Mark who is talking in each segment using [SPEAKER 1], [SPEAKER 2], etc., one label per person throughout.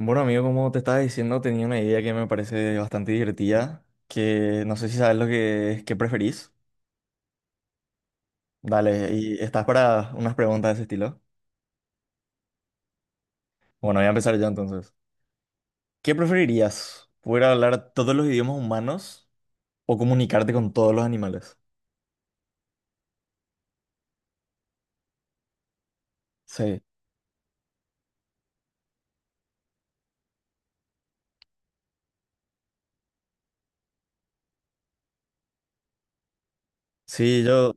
[SPEAKER 1] Bueno, amigo, como te estaba diciendo, tenía una idea que me parece bastante divertida, que no sé si sabes lo que es, qué preferís. Dale, y estás para unas preguntas de ese estilo. Bueno, voy a empezar yo entonces. ¿Qué preferirías? ¿Poder hablar todos los idiomas humanos o comunicarte con todos los animales? Sí. Sí, yo,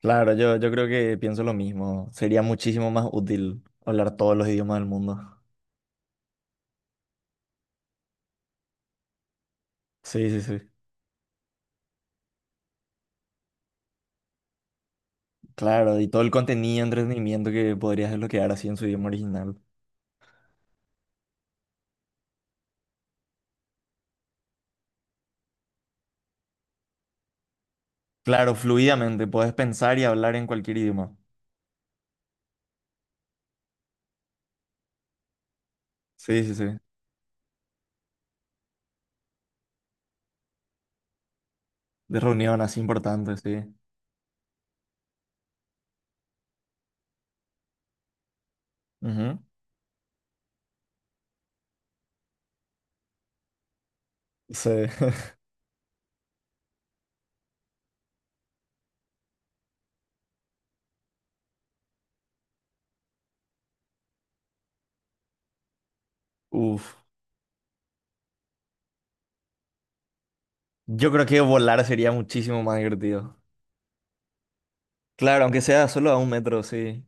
[SPEAKER 1] claro, yo, creo que pienso lo mismo. Sería muchísimo más útil hablar todos los idiomas del mundo. Sí, sí, sí. Claro, y todo el contenido, entretenimiento que podrías desbloquear así en su idioma original. Claro, fluidamente, podés pensar y hablar en cualquier idioma. Sí, sí, sí. De reunión así importante, sí. Ujú. Sí. Uf. Yo creo que volar sería muchísimo más divertido. Claro, aunque sea solo a un metro, sí.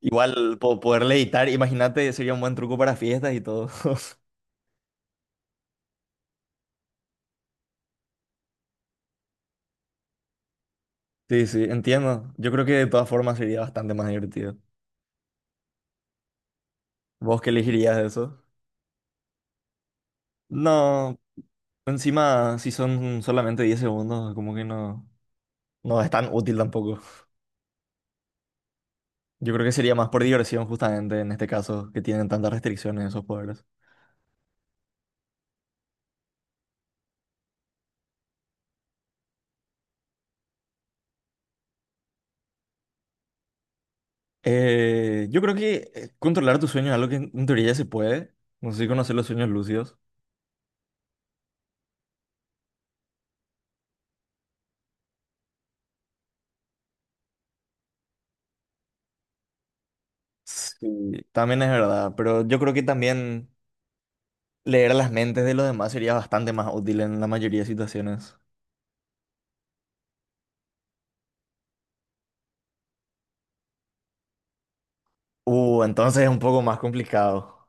[SPEAKER 1] Igual poder levitar, imagínate, sería un buen truco para fiestas y todo. Sí, sí, entiendo. Yo creo que de todas formas sería bastante más divertido. ¿Vos qué elegirías de eso? No, encima si son solamente 10 segundos, como que no, no es tan útil tampoco. Yo creo que sería más por diversión, justamente, en este caso, que tienen tantas restricciones esos poderes. Yo creo que controlar tus sueños es algo que en teoría ya se puede. No sé si conocer los sueños lúcidos. Sí. También es verdad, pero yo creo que también leer las mentes de los demás sería bastante más útil en la mayoría de situaciones. Entonces es un poco más complicado.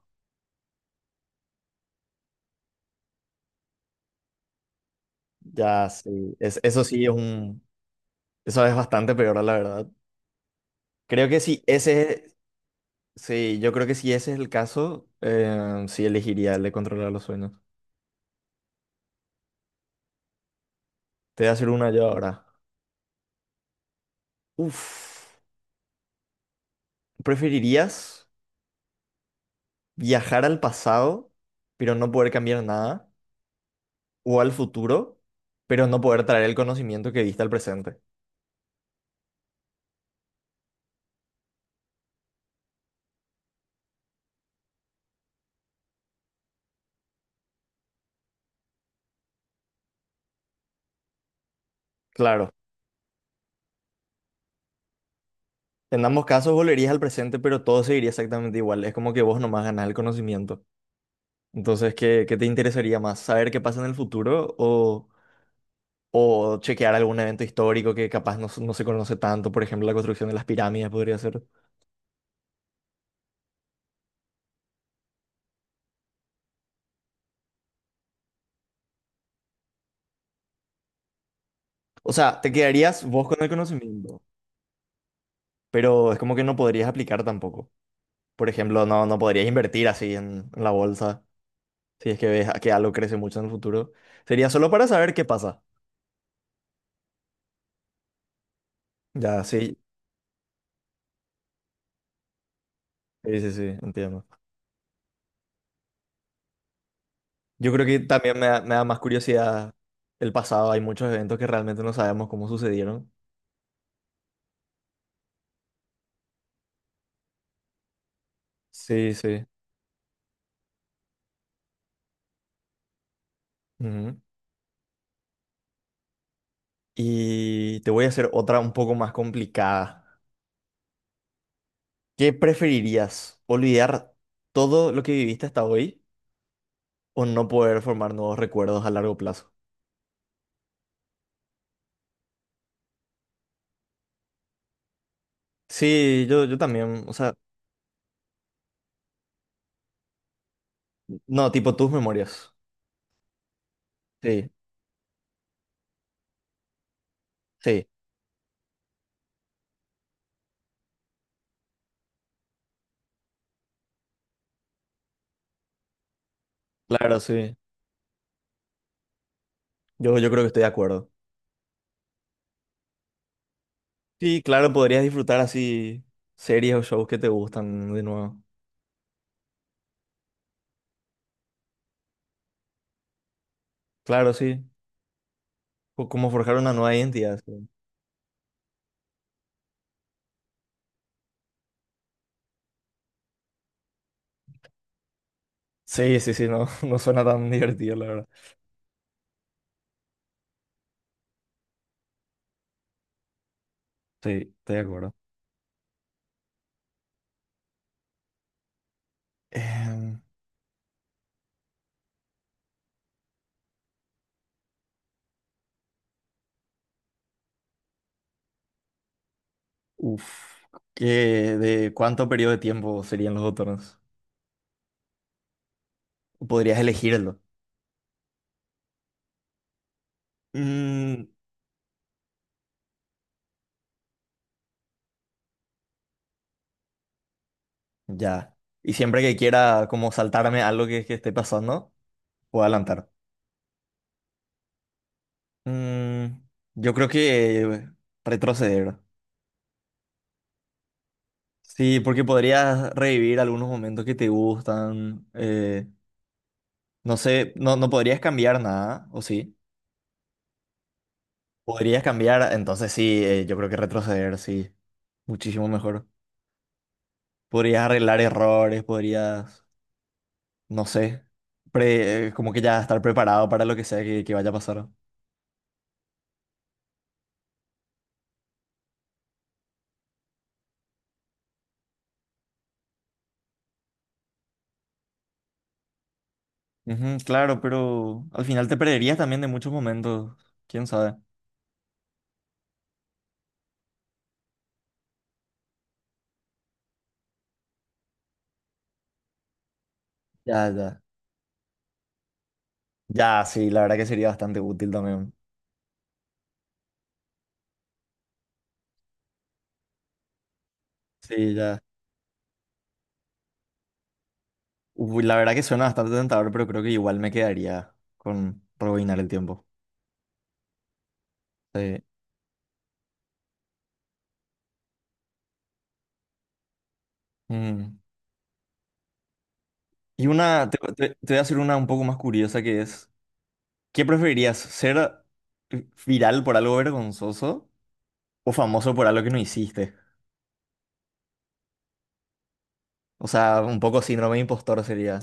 [SPEAKER 1] Ya, sí. Es, eso sí es un... Eso es bastante peor, la verdad. Creo que si ese, sí, yo creo que si ese es el caso, sí elegiría el de controlar los sueños. Te voy a hacer una yo ahora. Uf, ¿preferirías viajar al pasado, pero no poder cambiar nada? ¿O al futuro, pero no poder traer el conocimiento que viste al presente? Claro, en ambos casos volverías al presente, pero todo seguiría exactamente igual. Es como que vos nomás ganás el conocimiento. Entonces, ¿qué, qué te interesaría más? ¿Saber qué pasa en el futuro o chequear algún evento histórico que capaz no, no se conoce tanto? Por ejemplo, la construcción de las pirámides podría ser. O sea, te quedarías vos con el conocimiento, pero es como que no podrías aplicar tampoco. Por ejemplo, no, no podrías invertir así en la bolsa, si es que ves que algo crece mucho en el futuro. Sería solo para saber qué pasa. Ya, sí, sí, sí, sí, entiendo. Yo creo que también me da más curiosidad el pasado. Hay muchos eventos que realmente no sabemos cómo sucedieron. Sí, sí. Ujú. Y te voy a hacer otra un poco más complicada. ¿Qué preferirías? ¿Olvidar todo lo que viviste hasta hoy o no poder formar nuevos recuerdos a largo plazo? Sí, yo también, o sea, no, tipo tus memorias. Sí, sí, claro, sí. Yo creo que estoy de acuerdo. Sí, claro, podrías disfrutar así series o shows que te gustan de nuevo. Claro, sí. O como forjar una nueva identidad. Sí, sí, sí, sí, no, no suena tan divertido, la verdad. Sí, estoy de acuerdo. Em, uf, ¿qué, de cuánto periodo de tiempo serían los botones? Podrías elegirlo. Mm, ya. Y siempre que quiera como saltarme algo que esté pasando, puedo adelantar. Mm, yo creo que retroceder. Sí, porque podrías revivir algunos momentos que te gustan. No sé, no, no podrías cambiar nada, ¿o sí? Podrías cambiar, entonces sí, yo creo que retroceder, sí. Muchísimo mejor. Podrías arreglar errores, podrías, no sé, como que ya estar preparado para lo que sea que vaya a pasar. Ujú, claro, pero al final te perderías también de muchos momentos, quién sabe. Ya, ya. Ya, sí, la verdad que sería bastante útil también. Sí, ya. Uy, la verdad que suena bastante tentador, pero creo que igual me quedaría con rebobinar el tiempo. Sí. Mm. Y una, te voy a hacer una un poco más curiosa que es, ¿qué preferirías? ¿Ser viral por algo vergonzoso o famoso por algo que no hiciste? O sea, un poco síndrome de impostor sería.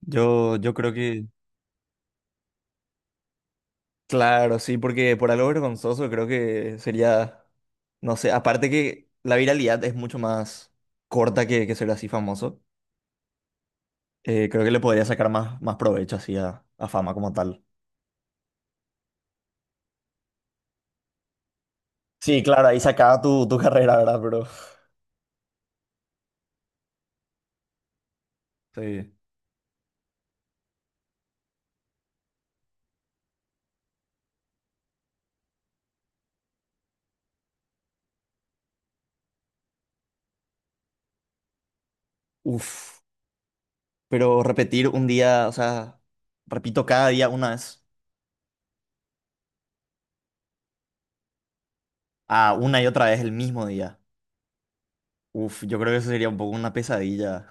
[SPEAKER 1] Yo creo que claro, sí, porque por algo vergonzoso creo que sería, no sé, aparte que la viralidad es mucho más corta que ser así famoso, creo que le podría sacar más, más provecho así a fama como tal. Sí, claro, ahí se acaba tu, tu carrera, ¿verdad, bro? Sí. Uf, pero repetir un día, o sea, repito cada día una vez, a una y otra vez el mismo día. Uf, yo creo que eso sería un poco una pesadilla,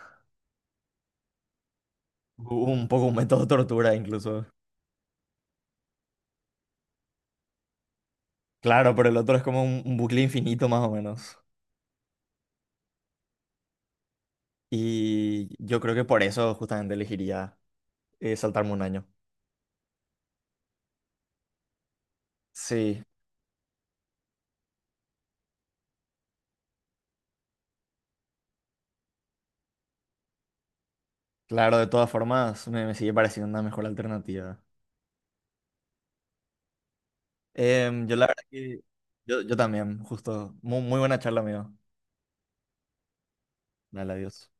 [SPEAKER 1] un poco un método de tortura incluso. Claro, pero el otro es como un bucle infinito más o menos. Y yo creo que por eso justamente elegiría saltarme 1 año. Sí, claro, de todas formas me, me sigue pareciendo una mejor alternativa. Em, yo la verdad que yo también, justo. Muy, muy buena charla, amigo. Dale, adiós.